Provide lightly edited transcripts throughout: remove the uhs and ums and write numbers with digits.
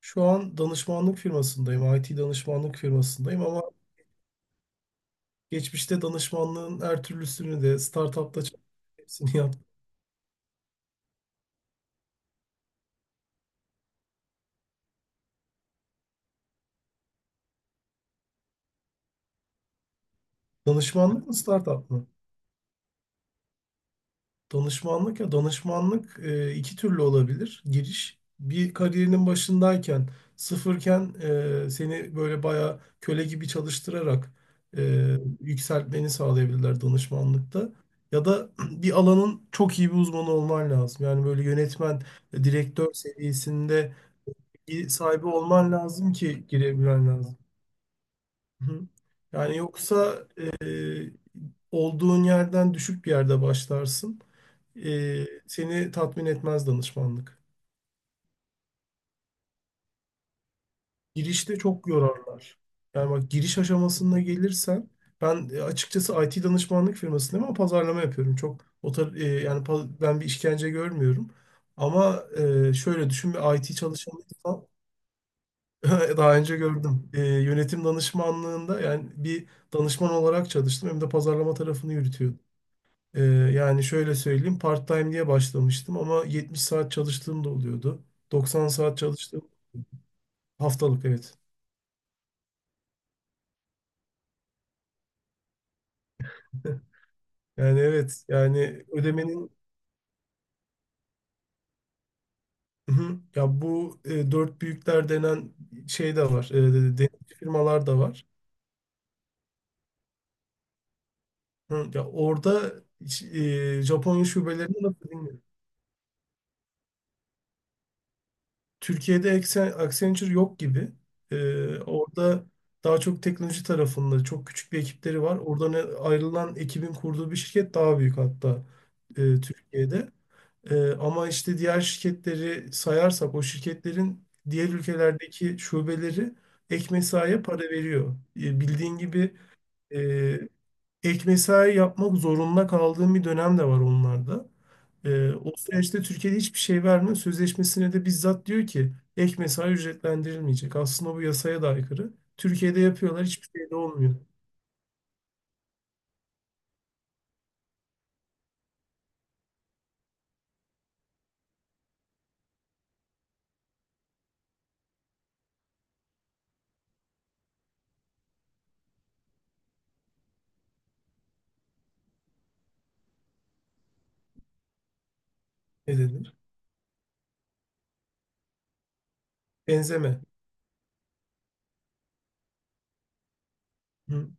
Şu an danışmanlık firmasındayım. IT danışmanlık firmasındayım ama geçmişte danışmanlığın her türlüsünü de startupta çalıştım, hepsini yaptım. Danışmanlık mı startup mı? Danışmanlık ya danışmanlık iki türlü olabilir. Giriş bir kariyerinin başındayken sıfırken seni böyle bayağı köle gibi çalıştırarak e, yükseltmeni sağlayabilirler danışmanlıkta. Ya da bir alanın çok iyi bir uzmanı olman lazım. Yani böyle yönetmen, direktör seviyesinde bilgi sahibi olman lazım ki girebilen lazım. Hı. Yani yoksa e, olduğun yerden düşük bir yerde başlarsın. Seni tatmin etmez danışmanlık. Girişte çok yorarlar. Yani bak giriş aşamasına gelirsen ben açıkçası IT danışmanlık firmasındayım ama pazarlama yapıyorum. Çok o tar- e, yani pa- Ben bir işkence görmüyorum. Ama şöyle düşün, bir IT çalışanıysan. Daha önce gördüm. Yönetim danışmanlığında yani bir danışman olarak çalıştım hem de pazarlama tarafını yürütüyordum. Yani şöyle söyleyeyim, part-time diye başlamıştım ama 70 saat çalıştığım da oluyordu. 90 saat çalıştım, haftalık evet. Yani evet, yani ödemenin. Hı, hı. Ya bu dört büyükler denen şey de var. E, denetçi firmalar da var. Hı, ya orada hiç, Japonya şubelerini nasıl bilmiyorum. Türkiye'de Accenture yok gibi. Orada daha çok teknoloji tarafında çok küçük bir ekipleri var. Oradan ayrılan ekibin kurduğu bir şirket daha büyük hatta Türkiye'de. Ama işte diğer şirketleri sayarsak o şirketlerin diğer ülkelerdeki şubeleri ek mesaiye para veriyor. Bildiğin gibi e, ek mesai yapmak zorunda kaldığım bir dönem de var onlarda. O süreçte Türkiye'de hiçbir şey verme sözleşmesine de bizzat diyor ki ek mesai ücretlendirilmeyecek. Aslında bu yasaya da aykırı. Türkiye'de yapıyorlar, hiçbir şey de olmuyor. Ne denir? Benzeme. Hı.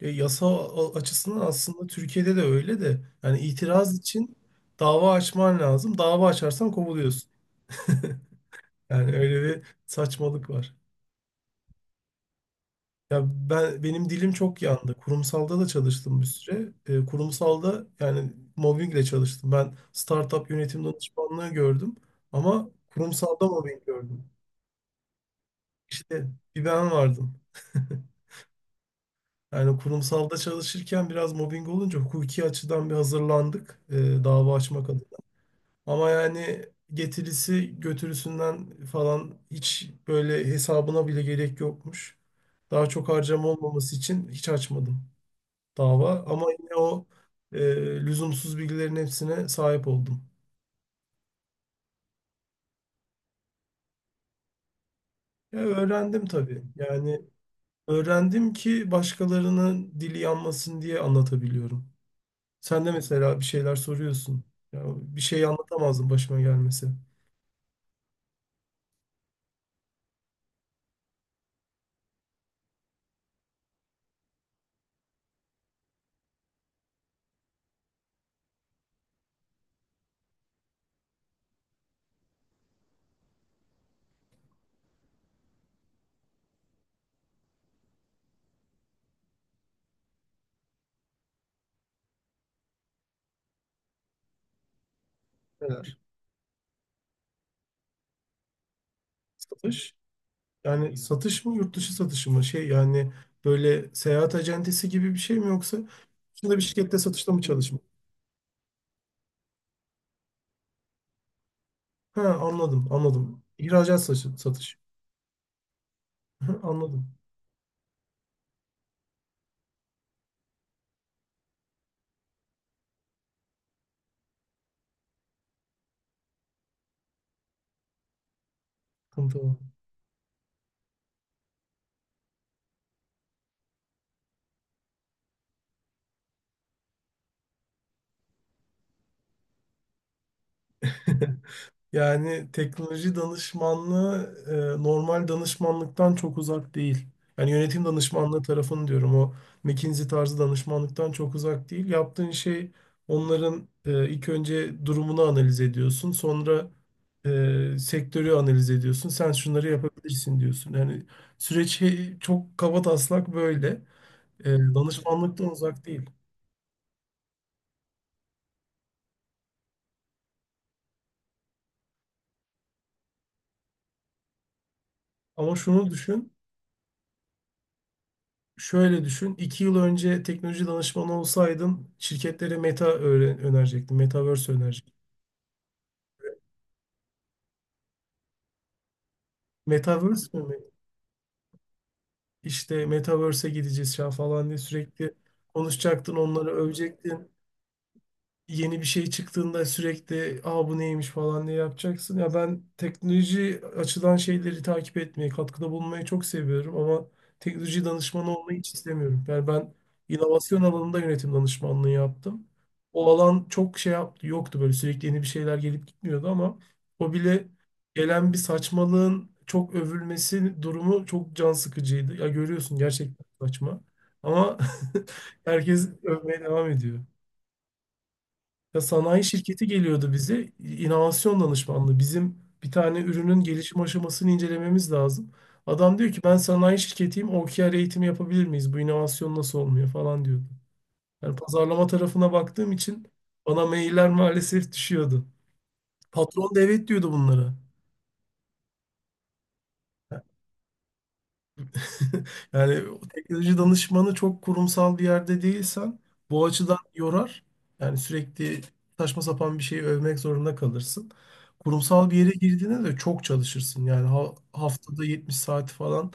Yasa açısından aslında Türkiye'de de öyle, de yani itiraz için dava açman lazım. Dava açarsan kovuluyorsun. Yani öyle bir saçmalık var. Ya, benim dilim çok yandı. Kurumsalda da çalıştım bir süre. Kurumsalda yani mobbingle çalıştım. Ben startup yönetim danışmanlığı gördüm ama kurumsalda mobbing gördüm. İşte bir ben vardım. Yani kurumsalda çalışırken biraz mobbing olunca hukuki açıdan bir hazırlandık dava açmak adına. Ama yani getirisi götürüsünden falan hiç böyle hesabına bile gerek yokmuş. Daha çok harcama olmaması için hiç açmadım dava, ama yine o e, lüzumsuz bilgilerin hepsine sahip oldum. Ya öğrendim tabii. Yani öğrendim ki başkalarının dili yanmasın diye anlatabiliyorum. Sen de mesela bir şeyler soruyorsun. Ya bir şey anlatamazdım başıma gelmesi. Neler? Satış. Yani satış mı, yurt dışı satışı mı? Şey yani böyle seyahat acentesi gibi bir şey mi yoksa şurada bir şirkette satışta mı çalışmak? Ha, anladım anladım. İhracat satışı. Satış. Anladım. Tamam tamam. Yani teknoloji danışmanlığı normal danışmanlıktan çok uzak değil. Yani yönetim danışmanlığı tarafını diyorum, o McKinsey tarzı danışmanlıktan çok uzak değil. Yaptığın şey, onların ilk önce durumunu analiz ediyorsun. Sonra sektörü analiz ediyorsun. Sen şunları yapabilirsin diyorsun. Yani çok kabataslak böyle. E, Danışmanlıktan uzak değil. Ama şunu düşün. Şöyle düşün, iki yıl önce teknoloji danışmanı olsaydın şirketlere önerecektin, metaverse önerecektin. Metaverse mi? İşte metaverse'e gideceğiz ya falan diye sürekli konuşacaktın, onları övecektin. Yeni bir şey çıktığında sürekli aa bu neymiş falan diye yapacaksın. Ya ben teknoloji açıdan şeyleri takip etmeyi, katkıda bulunmayı çok seviyorum ama teknoloji danışmanı olmayı hiç istemiyorum. Yani ben inovasyon alanında yönetim danışmanlığı yaptım. O alan çok şey yaptı, yoktu böyle sürekli yeni bir şeyler gelip gitmiyordu, ama o bile gelen bir saçmalığın çok övülmesi durumu çok can sıkıcıydı. Ya görüyorsun gerçekten saçma. Ama herkes övmeye devam ediyor. Ya sanayi şirketi geliyordu bize, inovasyon danışmanlığı. Bizim bir tane ürünün gelişim aşamasını incelememiz lazım. Adam diyor ki ben sanayi şirketiyim, OKR eğitimi yapabilir miyiz? Bu inovasyon nasıl olmuyor falan diyordu. Yani pazarlama tarafına baktığım için bana mailler maalesef düşüyordu. Patron da evet diyordu bunlara. Yani teknoloji danışmanı, çok kurumsal bir yerde değilsen bu açıdan yorar. Yani sürekli saçma sapan bir şeyi övmek zorunda kalırsın. Kurumsal bir yere girdiğinde de çok çalışırsın. Yani haftada 70 saat falan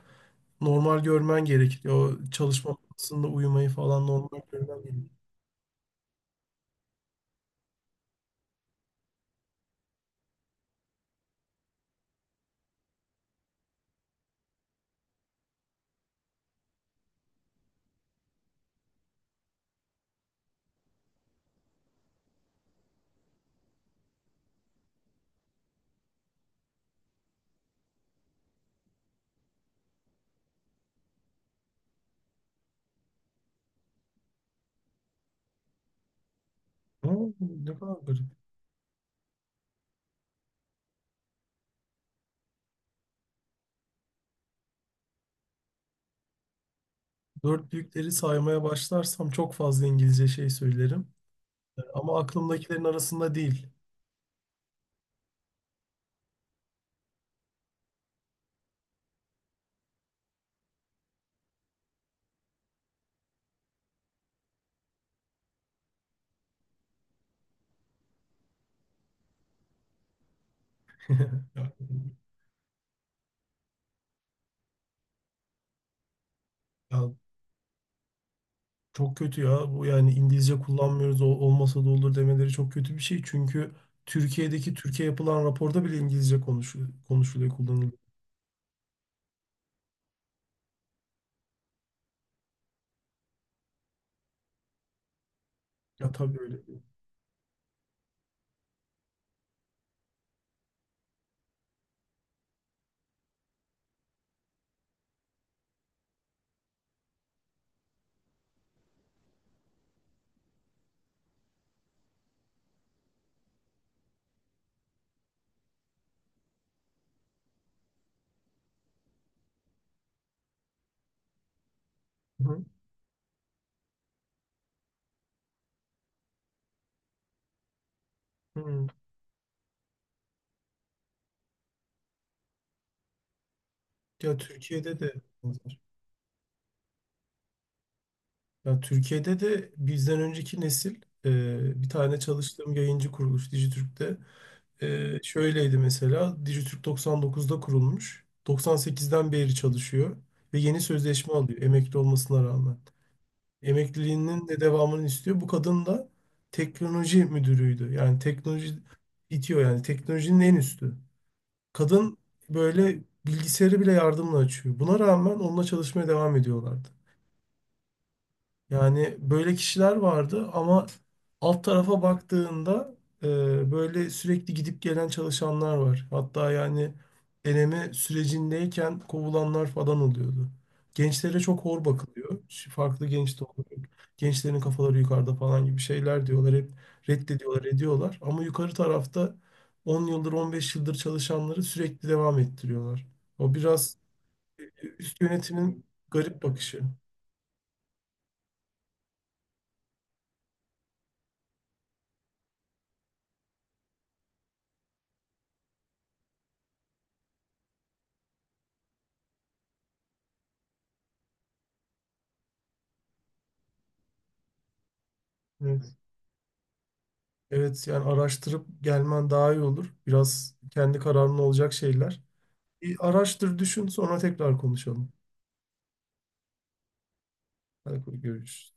normal görmen gerekir. O çalışma masasında uyumayı falan normal görmen gerekir. Ama ne kadar garip. Dört büyükleri saymaya başlarsam çok fazla İngilizce şey söylerim. Ama aklımdakilerin arasında değil. Ya, çok kötü ya. Bu yani İngilizce kullanmıyoruz, olmasa da olur demeleri çok kötü bir şey. Çünkü Türkiye'deki Türkiye yapılan raporda bile İngilizce konuşuluyor, konuşuluyor, kullanılıyor. Ya tabii öyle. Hı hı. Ya Türkiye'de de benzer. Ya Türkiye'de de bizden önceki nesil, bir tane çalıştığım yayıncı kuruluş Dijitürk'te şöyleydi mesela. Dijitürk 99'da kurulmuş. 98'den beri çalışıyor ve yeni sözleşme alıyor emekli olmasına rağmen. Emekliliğinin de devamını istiyor. Bu kadın da teknoloji müdürüydü. Yani teknoloji itiyor, yani teknolojinin en üstü. Kadın böyle bilgisayarı bile yardımla açıyor. Buna rağmen onunla çalışmaya devam ediyorlardı. Yani böyle kişiler vardı, ama alt tarafa baktığında böyle sürekli gidip gelen çalışanlar var. Hatta yani deneme sürecindeyken kovulanlar falan oluyordu. Gençlere çok hor bakılıyor. Şu farklı genç de oluyor. Gençlerin kafaları yukarıda falan gibi şeyler diyorlar. Hep reddediyorlar, ediyorlar. Ama yukarı tarafta 10 yıldır, 15 yıldır çalışanları sürekli devam ettiriyorlar. O biraz üst yönetimin garip bakışı. Evet. Evet, yani araştırıp gelmen daha iyi olur. Biraz kendi kararın olacak şeyler. Bir araştır, düşün, sonra tekrar konuşalım. Hadi görüşürüz.